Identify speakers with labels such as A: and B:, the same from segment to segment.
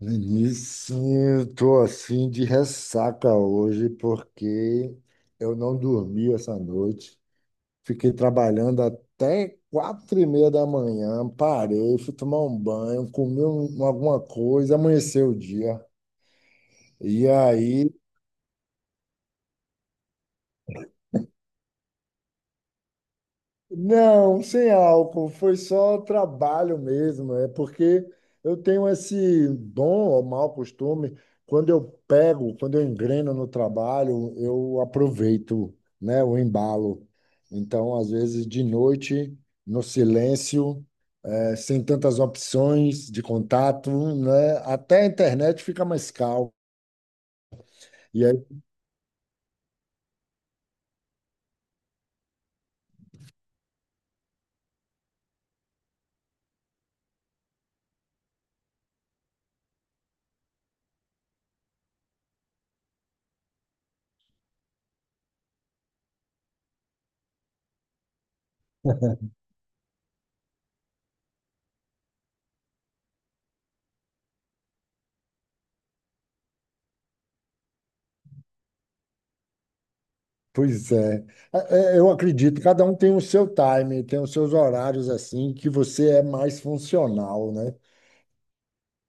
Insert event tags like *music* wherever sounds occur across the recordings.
A: Vinícius, eu tô assim de ressaca hoje porque eu não dormi essa noite. Fiquei trabalhando até quatro e meia da manhã, parei, fui tomar um banho, comi alguma coisa, amanheceu o dia. E aí, não, sem álcool, foi só trabalho mesmo. É porque eu tenho esse bom ou mau costume, quando eu engreno no trabalho, eu aproveito, né, o embalo. Então, às vezes, de noite, no silêncio, sem tantas opções de contato, né, até a internet fica mais calma. Pois é. Eu acredito, cada um tem o seu time, tem os seus horários assim, que você é mais funcional, né?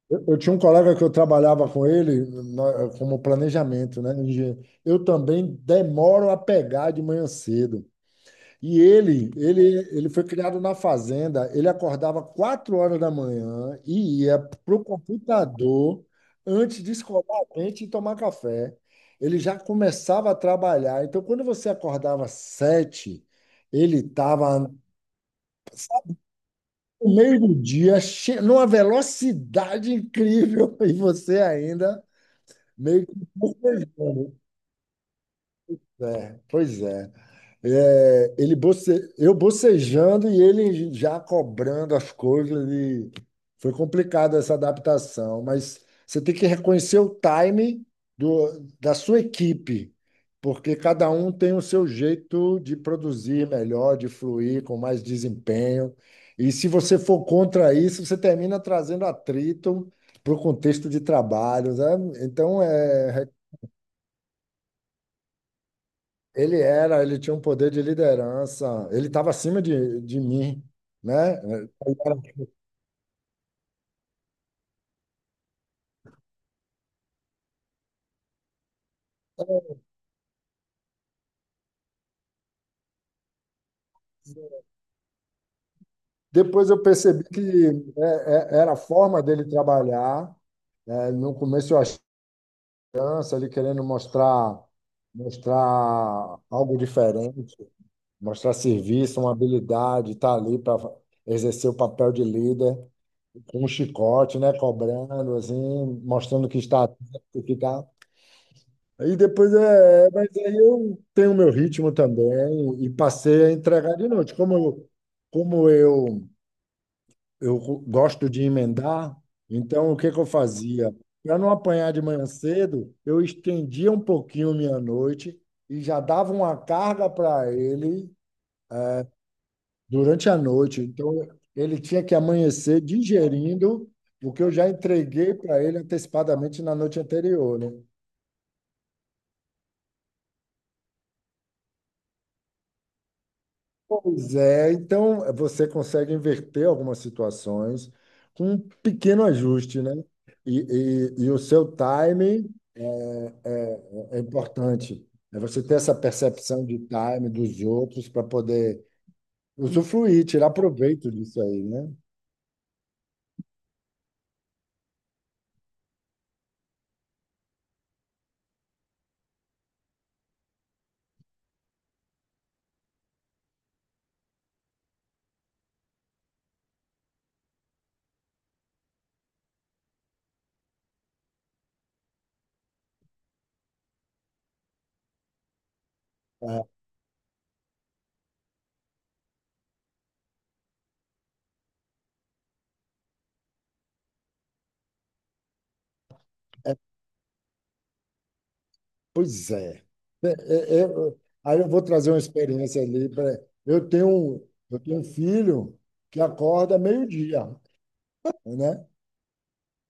A: Eu tinha um colega que eu trabalhava com ele como planejamento, né? Engenheiro. Eu também demoro a pegar de manhã cedo, e ele foi criado na fazenda. Ele acordava quatro horas da manhã e ia para o computador antes de escovar a dente e tomar café. Ele já começava a trabalhar. Então, quando você acordava às sete, ele estava no meio do dia, numa velocidade incrível, *laughs* e você ainda meio que bocejando. É, pois é. É, ele boce... Eu bocejando e ele já cobrando as coisas. Foi complicado essa adaptação, mas você tem que reconhecer o time do... da sua equipe, porque cada um tem o seu jeito de produzir melhor, de fluir com mais desempenho. E se você for contra isso, você termina trazendo atrito para o contexto de trabalho, né? Então, ele era, ele tinha um poder de liderança, ele estava acima de mim, né? Depois eu percebi que era a forma dele trabalhar. É, no começo eu achei criança, ele querendo mostrar algo diferente, mostrar serviço, uma habilidade, estar ali para exercer o papel de líder, com um chicote, né? Cobrando, assim, mostrando que está atento, que está. Aí depois, mas aí eu tenho meu ritmo também e passei a entregar de noite. Como eu, gosto de emendar, então o que que eu fazia? Para não apanhar de manhã cedo, eu estendia um pouquinho minha noite e já dava uma carga para ele durante a noite. Então ele tinha que amanhecer digerindo o que eu já entreguei para ele antecipadamente na noite anterior, né? Pois é, então você consegue inverter algumas situações com um pequeno ajuste, né? E, e o seu time é, é é importante. É você ter essa percepção de time dos outros para poder usufruir, tirar proveito disso aí, né? Ah, pois é. É, é, é, aí eu vou trazer uma experiência ali. Eu tenho, eu tenho um filho que acorda meio-dia, né?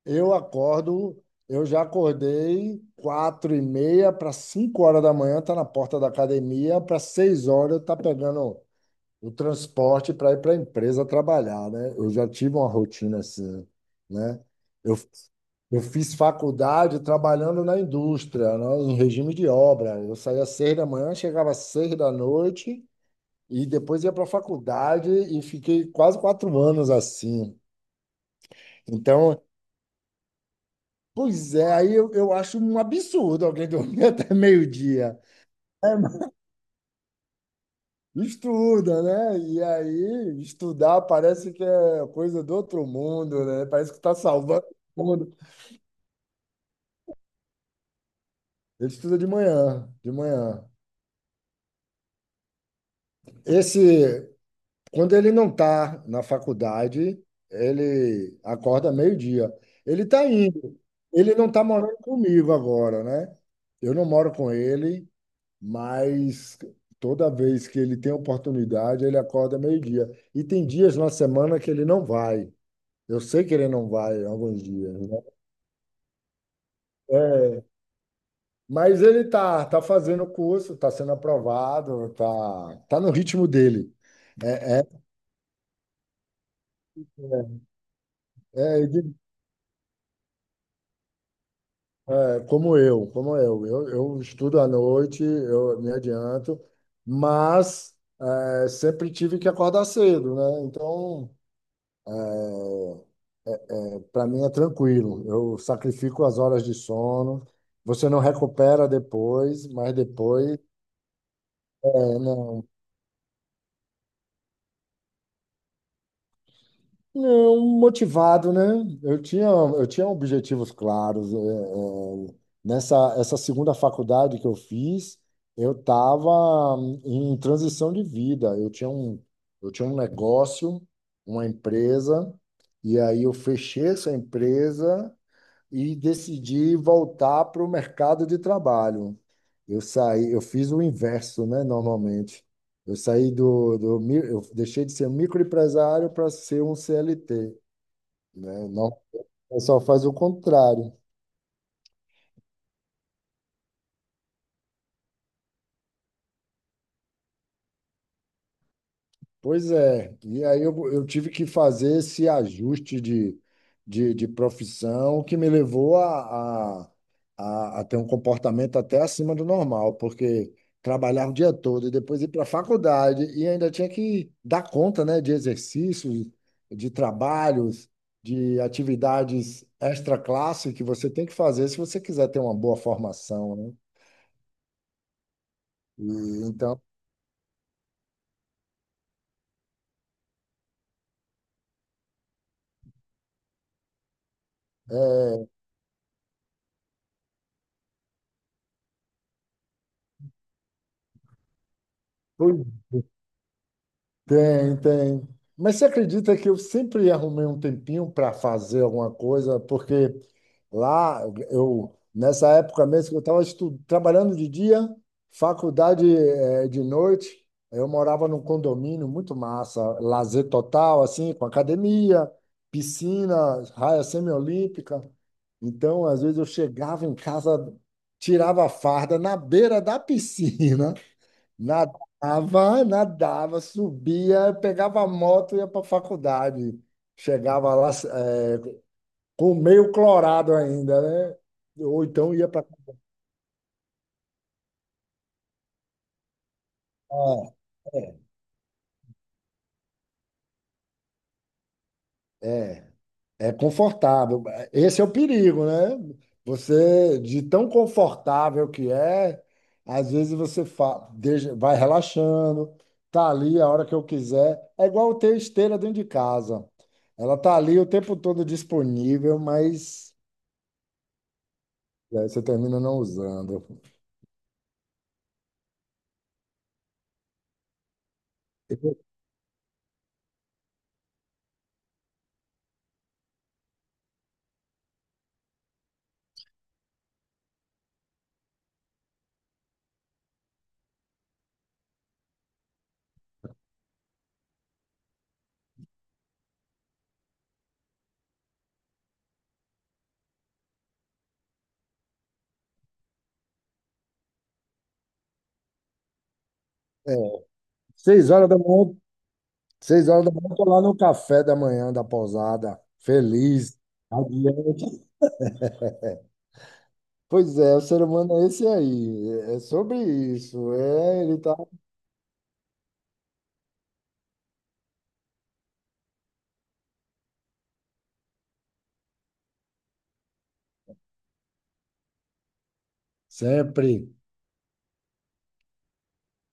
A: Eu acordo, eu já acordei quatro e meia para cinco horas da manhã, tá na porta da academia, para seis horas eu tá pegando o transporte para ir para a empresa trabalhar, né? Eu já tive uma rotina assim, né? Eu, eu fiz faculdade trabalhando na indústria, né, em regime de obra. Eu saía às seis da manhã, chegava às seis da noite e depois ia para a faculdade e fiquei quase quatro anos assim. Então, Pois é, aí eu acho um absurdo alguém dormir *laughs* até meio-dia. É, mas estuda, né? E aí, estudar parece que é coisa do outro mundo, né? Parece que está salvando o mundo. Ele estuda de manhã, de manhã. Esse, quando ele não está na faculdade, ele acorda meio-dia. Ele está indo. Ele não está morando comigo agora, né? Eu não moro com ele, mas toda vez que ele tem oportunidade, ele acorda meio-dia. E tem dias na semana que ele não vai. Eu sei que ele não vai alguns dias, né? É, mas ele tá fazendo o curso, tá sendo aprovado, tá no ritmo dele. É, é, é, de- como eu, como eu. Eu estudo à noite, eu me adianto, mas é, sempre tive que acordar cedo, né? Então, para mim é tranquilo. Eu sacrifico as horas de sono. Você não recupera depois, mas depois é, não. Não, motivado, né? Eu tinha objetivos claros. Nessa essa segunda faculdade que eu fiz, eu estava em transição de vida. Eu tinha um negócio, uma empresa, e aí eu fechei essa empresa e decidi voltar para o mercado de trabalho. Eu fiz o inverso, né, normalmente. Eu saí do eu deixei de ser um microempresário para ser um CLT, né? Não, o pessoal faz o contrário. Pois é, e aí eu tive que fazer esse ajuste de profissão que me levou a ter um comportamento até acima do normal, porque trabalhar o dia todo e depois ir para a faculdade e ainda tinha que dar conta, né, de exercícios, de trabalhos, de atividades extra-classe que você tem que fazer se você quiser ter uma boa formação, né? E, então, tem, tem. Mas você acredita que eu sempre arrumei um tempinho para fazer alguma coisa? Porque lá, eu, nessa época mesmo, que eu estava trabalhando de dia, faculdade de noite, eu morava num condomínio muito massa, lazer total, assim, com academia, piscina, raia semiolímpica. Então, às vezes eu chegava em casa, tirava a farda na beira da piscina *laughs* na nadava, subia, pegava a moto e ia para a faculdade. Chegava lá, com meio clorado ainda, né? Ou então ia para. É, é é confortável. Esse é o perigo, né? Você, de tão confortável que é, às vezes você vai relaxando, tá ali a hora que eu quiser. É igual ter esteira dentro de casa. Ela tá ali o tempo todo disponível, mas é, você termina não usando. Eu- É, seis horas da manhã, seis horas da manhã, eu tô lá no café da manhã da pousada, feliz, radiante. Pois é, o ser humano é esse aí, é sobre isso, é, ele tá sempre.